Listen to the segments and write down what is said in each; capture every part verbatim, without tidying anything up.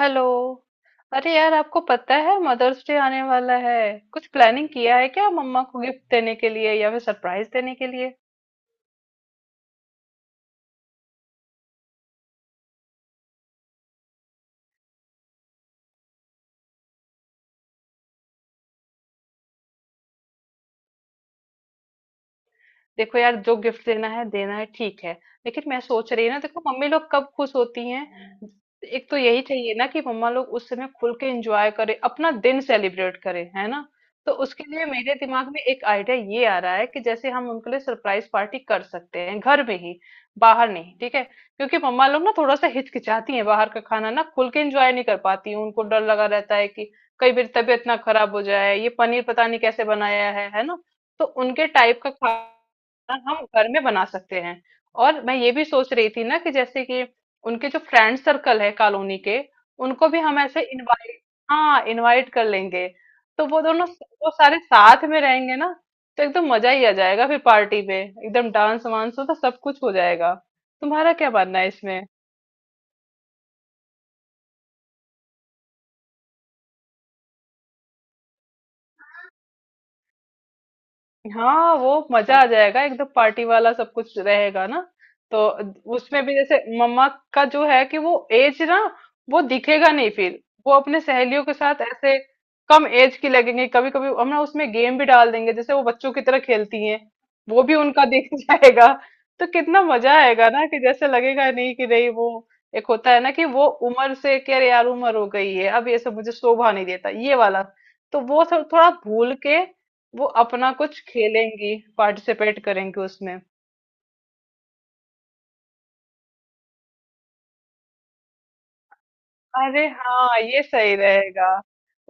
Hello. अरे यार, आपको पता है मदर्स डे आने वाला है। कुछ प्लानिंग किया है क्या, मम्मा को गिफ्ट देने के लिए या फिर सरप्राइज देने के लिए? देखो यार, जो गिफ्ट देना है देना है, ठीक है, लेकिन मैं सोच रही हूँ ना, देखो मम्मी लोग कब खुश होती हैं। एक तो यही चाहिए ना कि मम्मा लोग उस समय खुल के एंजॉय करें, अपना दिन सेलिब्रेट करें, है ना। तो उसके लिए मेरे दिमाग में एक आइडिया ये आ रहा है कि जैसे हम उनके लिए सरप्राइज पार्टी कर सकते हैं घर में ही, बाहर नहीं, ठीक है, क्योंकि मम्मा लोग ना थोड़ा सा हिचकिचाती हैं, बाहर का खाना ना खुल के एंजॉय नहीं कर पाती हैं। उनको डर लगा रहता है कि कई बार तबीयत ना खराब हो जाए, ये पनीर पता नहीं कैसे बनाया है है ना। तो उनके टाइप का खा ना हम घर में बना सकते हैं। और मैं ये भी सोच रही थी ना कि जैसे कि उनके जो फ्रेंड सर्कल है कॉलोनी के, उनको भी हम ऐसे इनवाइट हाँ इनवाइट कर लेंगे। तो वो दोनों, वो सारे साथ में रहेंगे ना, तो एकदम मजा ही आ जाएगा, फिर पार्टी में एकदम डांस वांस हो तो सब कुछ हो जाएगा। तुम्हारा क्या मानना है इसमें? हाँ, वो मजा आ हाँ जाएगा, एकदम पार्टी वाला सब कुछ रहेगा ना। तो उसमें भी जैसे मम्मा का जो है कि वो एज ना, वो दिखेगा नहीं फिर। वो अपने सहेलियों के साथ ऐसे कम एज की लगेंगे। कभी कभी हम ना उसमें गेम भी डाल देंगे, जैसे वो बच्चों की तरह खेलती हैं, वो भी उनका दिख जाएगा। तो कितना मजा आएगा ना, कि जैसे लगेगा नहीं कि नहीं वो, एक होता है ना कि वो उम्र से, कि अरे यार उम्र हो गई है, अब ये सब मुझे शोभा नहीं देता, ये वाला तो वो सब थोड़ा भूल के वो अपना कुछ खेलेंगी, पार्टिसिपेट करेंगी उसमें। अरे हाँ, ये सही रहेगा।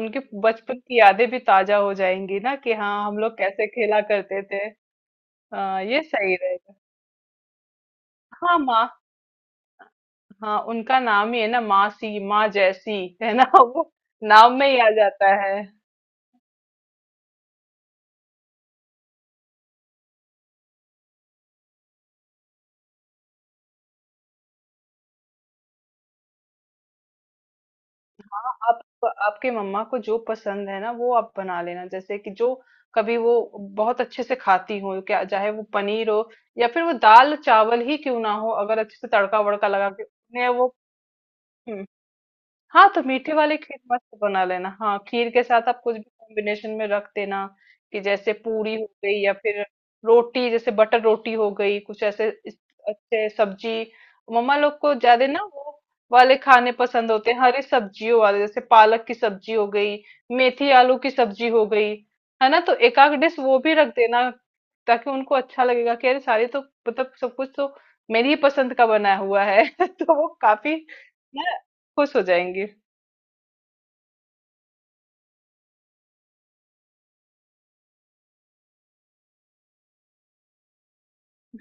उनके बचपन की यादें भी ताजा हो जाएंगी ना, कि हाँ हम लोग कैसे खेला करते थे। हाँ ये सही रहेगा। हाँ माँ। हाँ, उनका नाम ही है ना, मासी माँ जैसी, है ना वो नाम में ही आ जाता है। आप, आपकी मम्मा को जो पसंद है ना वो आप बना लेना, जैसे कि जो कभी वो बहुत अच्छे से खाती हो क्या, चाहे वो पनीर हो या फिर वो दाल चावल ही क्यों ना हो, अगर अच्छे से तड़का वड़का लगा के उन्हें वो। हम्म। हाँ तो मीठे वाले खीर मस्त बना लेना। हाँ, खीर के साथ आप कुछ भी कॉम्बिनेशन में रख देना, कि जैसे पूरी हो गई या फिर रोटी, जैसे बटर रोटी हो गई, कुछ ऐसे इस- अच्छे सब्जी। मम्मा लोग को ज्यादा ना वो वाले खाने पसंद होते हैं, हरी सब्जियों वाले, जैसे पालक की सब्जी हो गई, मेथी आलू की सब्जी हो गई, है ना। तो एक आध डिश वो भी रख देना, ताकि उनको अच्छा लगेगा कि अरे सारे तो, मतलब सब कुछ तो मेरी ही पसंद का बना हुआ है तो वो काफी ना खुश हो जाएंगे।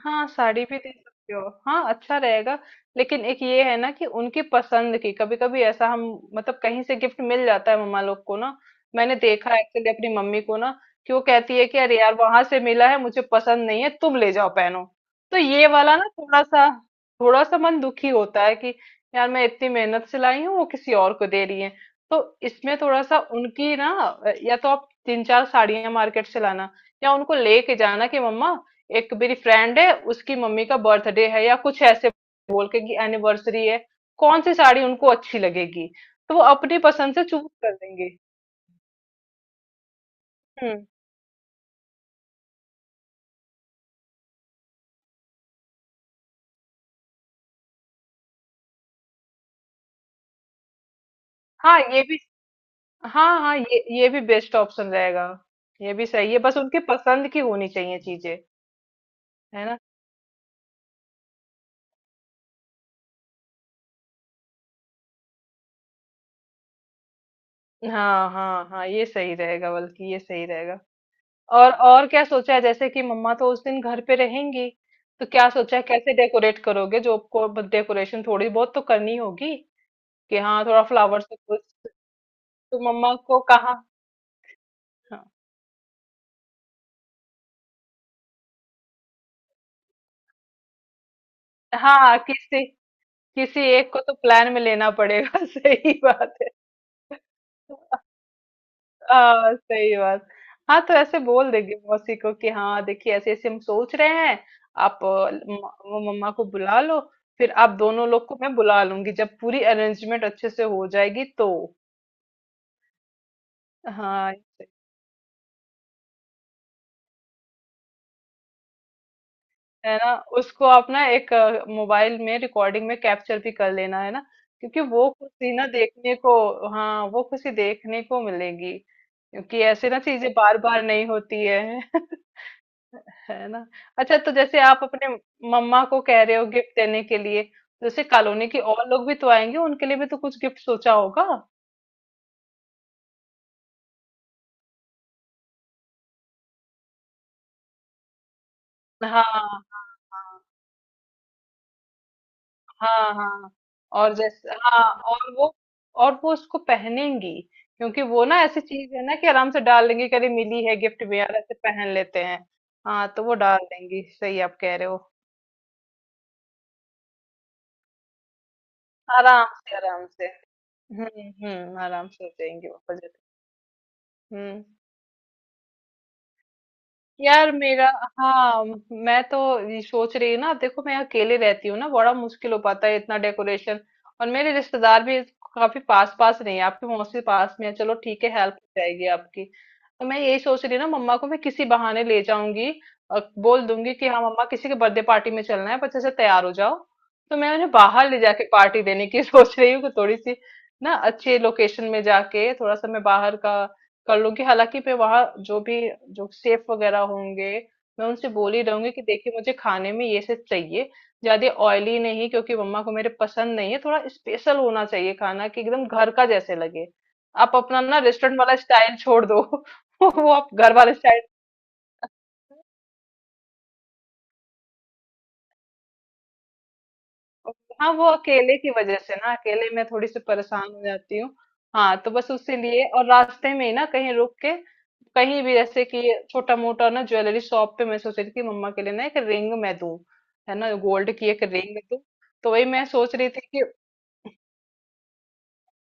हाँ, साड़ी भी दे सकते हो। हाँ, अच्छा रहेगा। लेकिन एक ये है ना कि उनकी पसंद की, कभी कभी ऐसा हम, मतलब कहीं से गिफ्ट मिल जाता है मम्मा लोग को ना, मैंने देखा एक्चुअली अपनी मम्मी को ना, कि वो कहती है कि अरे यार वहां से मिला है, मुझे पसंद नहीं है, तुम ले जाओ पहनो। तो ये वाला ना थोड़ा सा, थोड़ा सा मन दुखी होता है कि यार मैं इतनी मेहनत से लाई हूँ, वो किसी और को दे रही है। तो इसमें थोड़ा सा उनकी ना, या तो आप तीन चार साड़ियां मार्केट से लाना, या उनको लेके जाना कि मम्मा, एक मेरी फ्रेंड है उसकी मम्मी का बर्थडे है या कुछ ऐसे बोल के कि एनिवर्सरी है, कौन सी साड़ी उनको अच्छी लगेगी, तो वो अपनी पसंद से चूज कर देंगे। हम्म। हाँ ये भी, हाँ हाँ, ये ये भी बेस्ट ऑप्शन रहेगा। ये भी सही है, बस उनके पसंद की होनी चाहिए चीजें। है ना। हाँ हाँ हाँ ये सही रहेगा, बल्कि ये सही रहेगा। और और क्या सोचा है, जैसे कि मम्मा तो उस दिन घर पे रहेंगी, तो क्या सोचा है, कैसे डेकोरेट करोगे, जो आपको डेकोरेशन थोड़ी बहुत तो करनी होगी, कि हाँ थोड़ा फ्लावर से कुछ, तो मम्मा को कहा। हाँ, हाँ, किसी, किसी एक को तो प्लान में लेना पड़ेगा सही बात है। हाँ सही बात। हाँ तो ऐसे बोल देगी मौसी को कि हाँ देखिए, ऐसे ऐसे हम सोच रहे हैं, आप अ, म- वो मम्मा को बुला लो, फिर आप दोनों लोग को मैं बुला लूंगी जब पूरी अरेंजमेंट अच्छे से हो जाएगी तो। हाँ, है ना। उसको आप ना एक अ, मोबाइल में रिकॉर्डिंग में कैप्चर भी कर लेना, है ना, क्योंकि वो खुशी ना देखने को, हाँ वो खुशी देखने को मिलेगी, क्योंकि ऐसे ना चीजें बार बार नहीं होती है है ना। अच्छा, तो जैसे आप अपने मम्मा को कह रहे हो गिफ्ट देने के लिए, तो जैसे कॉलोनी के और लोग भी तो आएंगे, उनके लिए भी तो कुछ गिफ्ट सोचा होगा। हाँ हाँ हाँ। हाँ हाँ और जैसे हाँ, और वो, और वो उसको पहनेंगी, क्योंकि वो ना ऐसी चीज है ना कि आराम से डाल लेंगी। कभी मिली है गिफ्ट में यार, ऐसे पहन लेते हैं। हाँ तो वो डाल देंगी, सही आप कह रहे हो। आराम से, आराम से। हम्म हम्म, आराम से हो जाएंगी वो प्रोजेक्ट। हम्म। यार मेरा, हाँ, मैं तो ये सोच रही हूँ ना, देखो मैं अकेले रहती हूँ ना, बड़ा मुश्किल हो पाता है इतना डेकोरेशन। और मेरे रिश्तेदार भी काफी पास पास नहीं है, आपकी मौसी पास में है, चलो ठीक है, हेल्प हो जाएगी आपकी। तो मैं यही सोच रही हूँ ना, मम्मा को मैं किसी बहाने ले जाऊंगी, और बोल दूंगी कि हाँ मम्मा, किसी के बर्थडे पार्टी में चलना है, बच्चे से तैयार हो जाओ। तो मैं उन्हें बाहर ले जाके पार्टी देने की सोच रही हूँ, कि थोड़ी सी ना अच्छे लोकेशन में जाके थोड़ा सा मैं बाहर का कर लूंगी। हालांकि मैं वहाँ जो भी, जो शेफ वगैरह होंगे, मैं उनसे बोल ही रहूंगी कि देखिए, मुझे खाने में ये सब चाहिए, ज्यादा ऑयली नहीं, क्योंकि मम्मा को मेरे पसंद नहीं है, थोड़ा स्पेशल होना चाहिए खाना, कि एकदम घर का जैसे लगे। आप अपना ना रेस्टोरेंट वाला स्टाइल छोड़ दो वो आप घर वाले स्टाइल। हाँ, वो अकेले की वजह से ना, अकेले मैं थोड़ी सी परेशान हो जाती हूँ। हाँ तो बस उसी लिए, और रास्ते में ही ना कहीं रुक के, कहीं भी, जैसे कि छोटा मोटा ना ज्वेलरी शॉप पे, मैं सोच रही थी कि मम्मा के लिए ना एक रिंग मैं दूँ, है ना, गोल्ड की एक रिंग दूँ। तो वही मैं सोच रही थी कि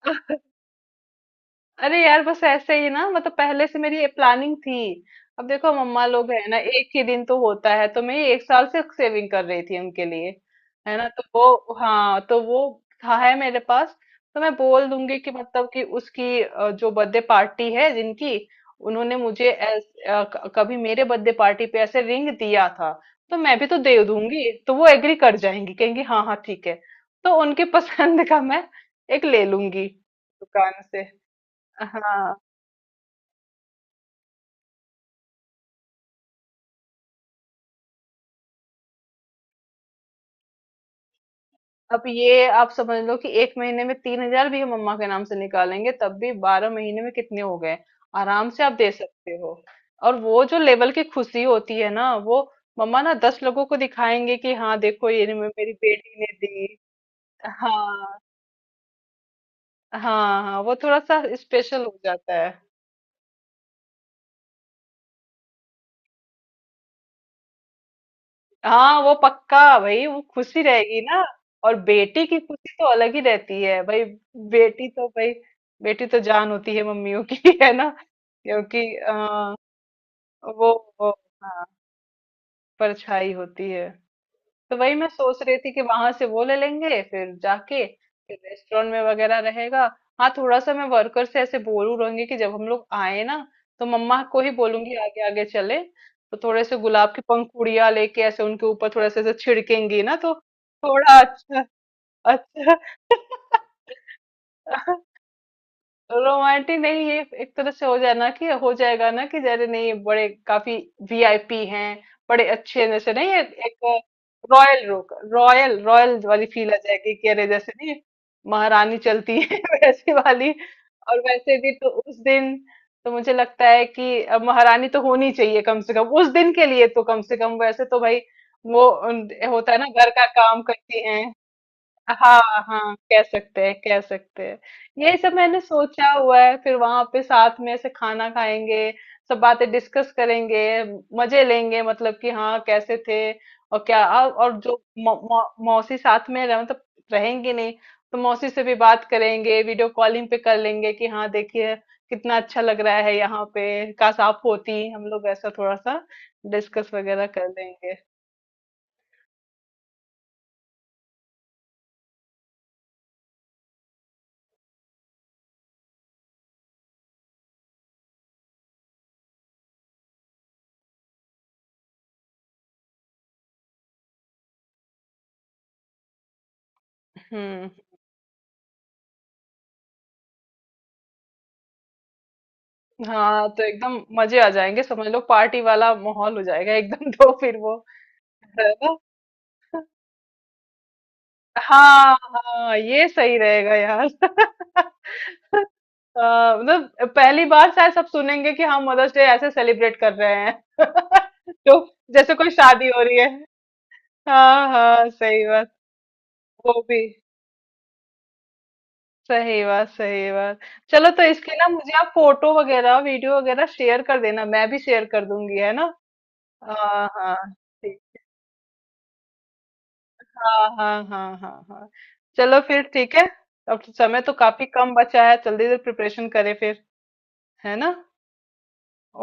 अरे यार बस ऐसे ही ना, मतलब पहले से मेरी ये प्लानिंग थी। अब देखो मम्मा लोग है ना, एक ही दिन तो होता है, तो मैं ये एक साल से सेविंग कर रही थी उनके लिए, है ना, तो वो, हाँ तो वो था, है मेरे पास। तो मैं बोल दूंगी कि मतलब कि उसकी अ, जो बर्थडे पार्टी है जिनकी, उन्होंने मुझे ऐस- अ, क- कभी मेरे बर्थडे पार्टी पे ऐसे रिंग दिया था, तो मैं भी तो दे दूंगी, तो वो एग्री कर जाएंगी, कहेंगी हाँ हाँ ठीक है। तो उनकी पसंद का मैं एक ले लूंगी दुकान से। हाँ, अब ये आप समझ लो कि एक महीने में तीन हजार भी हम मम्मा के नाम से निकालेंगे, तब भी बारह महीने में कितने हो गए? आराम से आप दे सकते हो। और वो जो लेवल की खुशी होती है ना, वो मम्मा ना दस लोगों को दिखाएंगे कि हाँ देखो ये मे- मेरी बेटी ने दी। हाँ, हाँ, हाँ, वो थोड़ा सा स्पेशल हो जाता है। हाँ वो पक्का भाई, वो खुशी रहेगी ना। और बेटी की खुशी तो अलग ही रहती है भाई, बेटी तो भाई, बेटी तो जान होती है मम्मियों की है ना। क्योंकि आ, वो, वो हाँ परछाई होती है। तो वही मैं सोच रही थी कि वहां से वो ले लेंगे फिर जाके, फिर रेस्टोरेंट में वगैरह रहेगा। हाँ, थोड़ा सा मैं वर्कर से ऐसे बोलू रहूंगी कि जब हम लोग आए ना, तो मम्मा को ही बोलूंगी आगे आगे चले, तो थोड़े से गुलाब की पंखुड़ियां लेके ऐसे उनके ऊपर थोड़ा सा ऐसे छिड़केंगी ना, तो थोड़ा अच्छा, अच्छा रोमांटिक नहीं, ये एक तरह से हो जाए ना कि हो जाएगा ना कि जरे नहीं बड़े, काफी वीआईपी हैं, बड़े अच्छे जैसे नहीं, एक, एक रॉयल रोक रॉयल, रॉयल वाली फील आ जाएगी, कि अरे जैसे नहीं महारानी चलती है वैसी वाली। और वैसे भी तो उस दिन, तो मुझे लगता है कि अब महारानी तो होनी चाहिए कम से कम उस दिन के लिए, तो कम से कम वैसे तो भाई, वो उन- होता है ना घर का काम करती हैं। हाँ, हाँ कह सकते हैं कह सकते हैं। यही सब मैंने सोचा हुआ है, फिर वहां पे साथ में ऐसे खाना खाएंगे, सब बातें डिस्कस करेंगे, मजे लेंगे, मतलब कि हाँ कैसे थे, और क्या, और और जो मौ, मौ, मौसी साथ में रह, मतलब रहेंगी नहीं, तो मौसी से भी बात करेंगे, वीडियो कॉलिंग पे कर लेंगे, कि हाँ देखिए कितना अच्छा लग रहा है यहाँ पे, काश आप होती, हम लोग ऐसा थोड़ा सा डिस्कस वगैरह कर लेंगे। हम्म। हाँ तो एकदम मजे आ जाएंगे, समझ लो पार्टी वाला माहौल हो जाएगा एकदम तो फिर वो। है ना, हाँ हाँ ये सही रहेगा यार हाँ, मतलब पहली बार शायद सब सुनेंगे कि हम मदर्स डे ऐसे सेलिब्रेट कर रहे हैं तो जैसे कोई शादी हो रही है। हाँ हाँ सही बात, वो भी सही बात, सही बात। चलो, तो इसके ना मुझे आप फोटो वगैरह वीडियो वगैरह शेयर कर देना, मैं भी शेयर कर दूंगी, है ना। हाँ हाँ हाँ हाँ हाँ। हाँ हाँ। चलो फिर ठीक है। अब तो समय तो काफी कम बचा है, जल्दी से प्रिपरेशन करें फिर। है ना।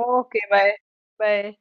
Okay bye. बाय।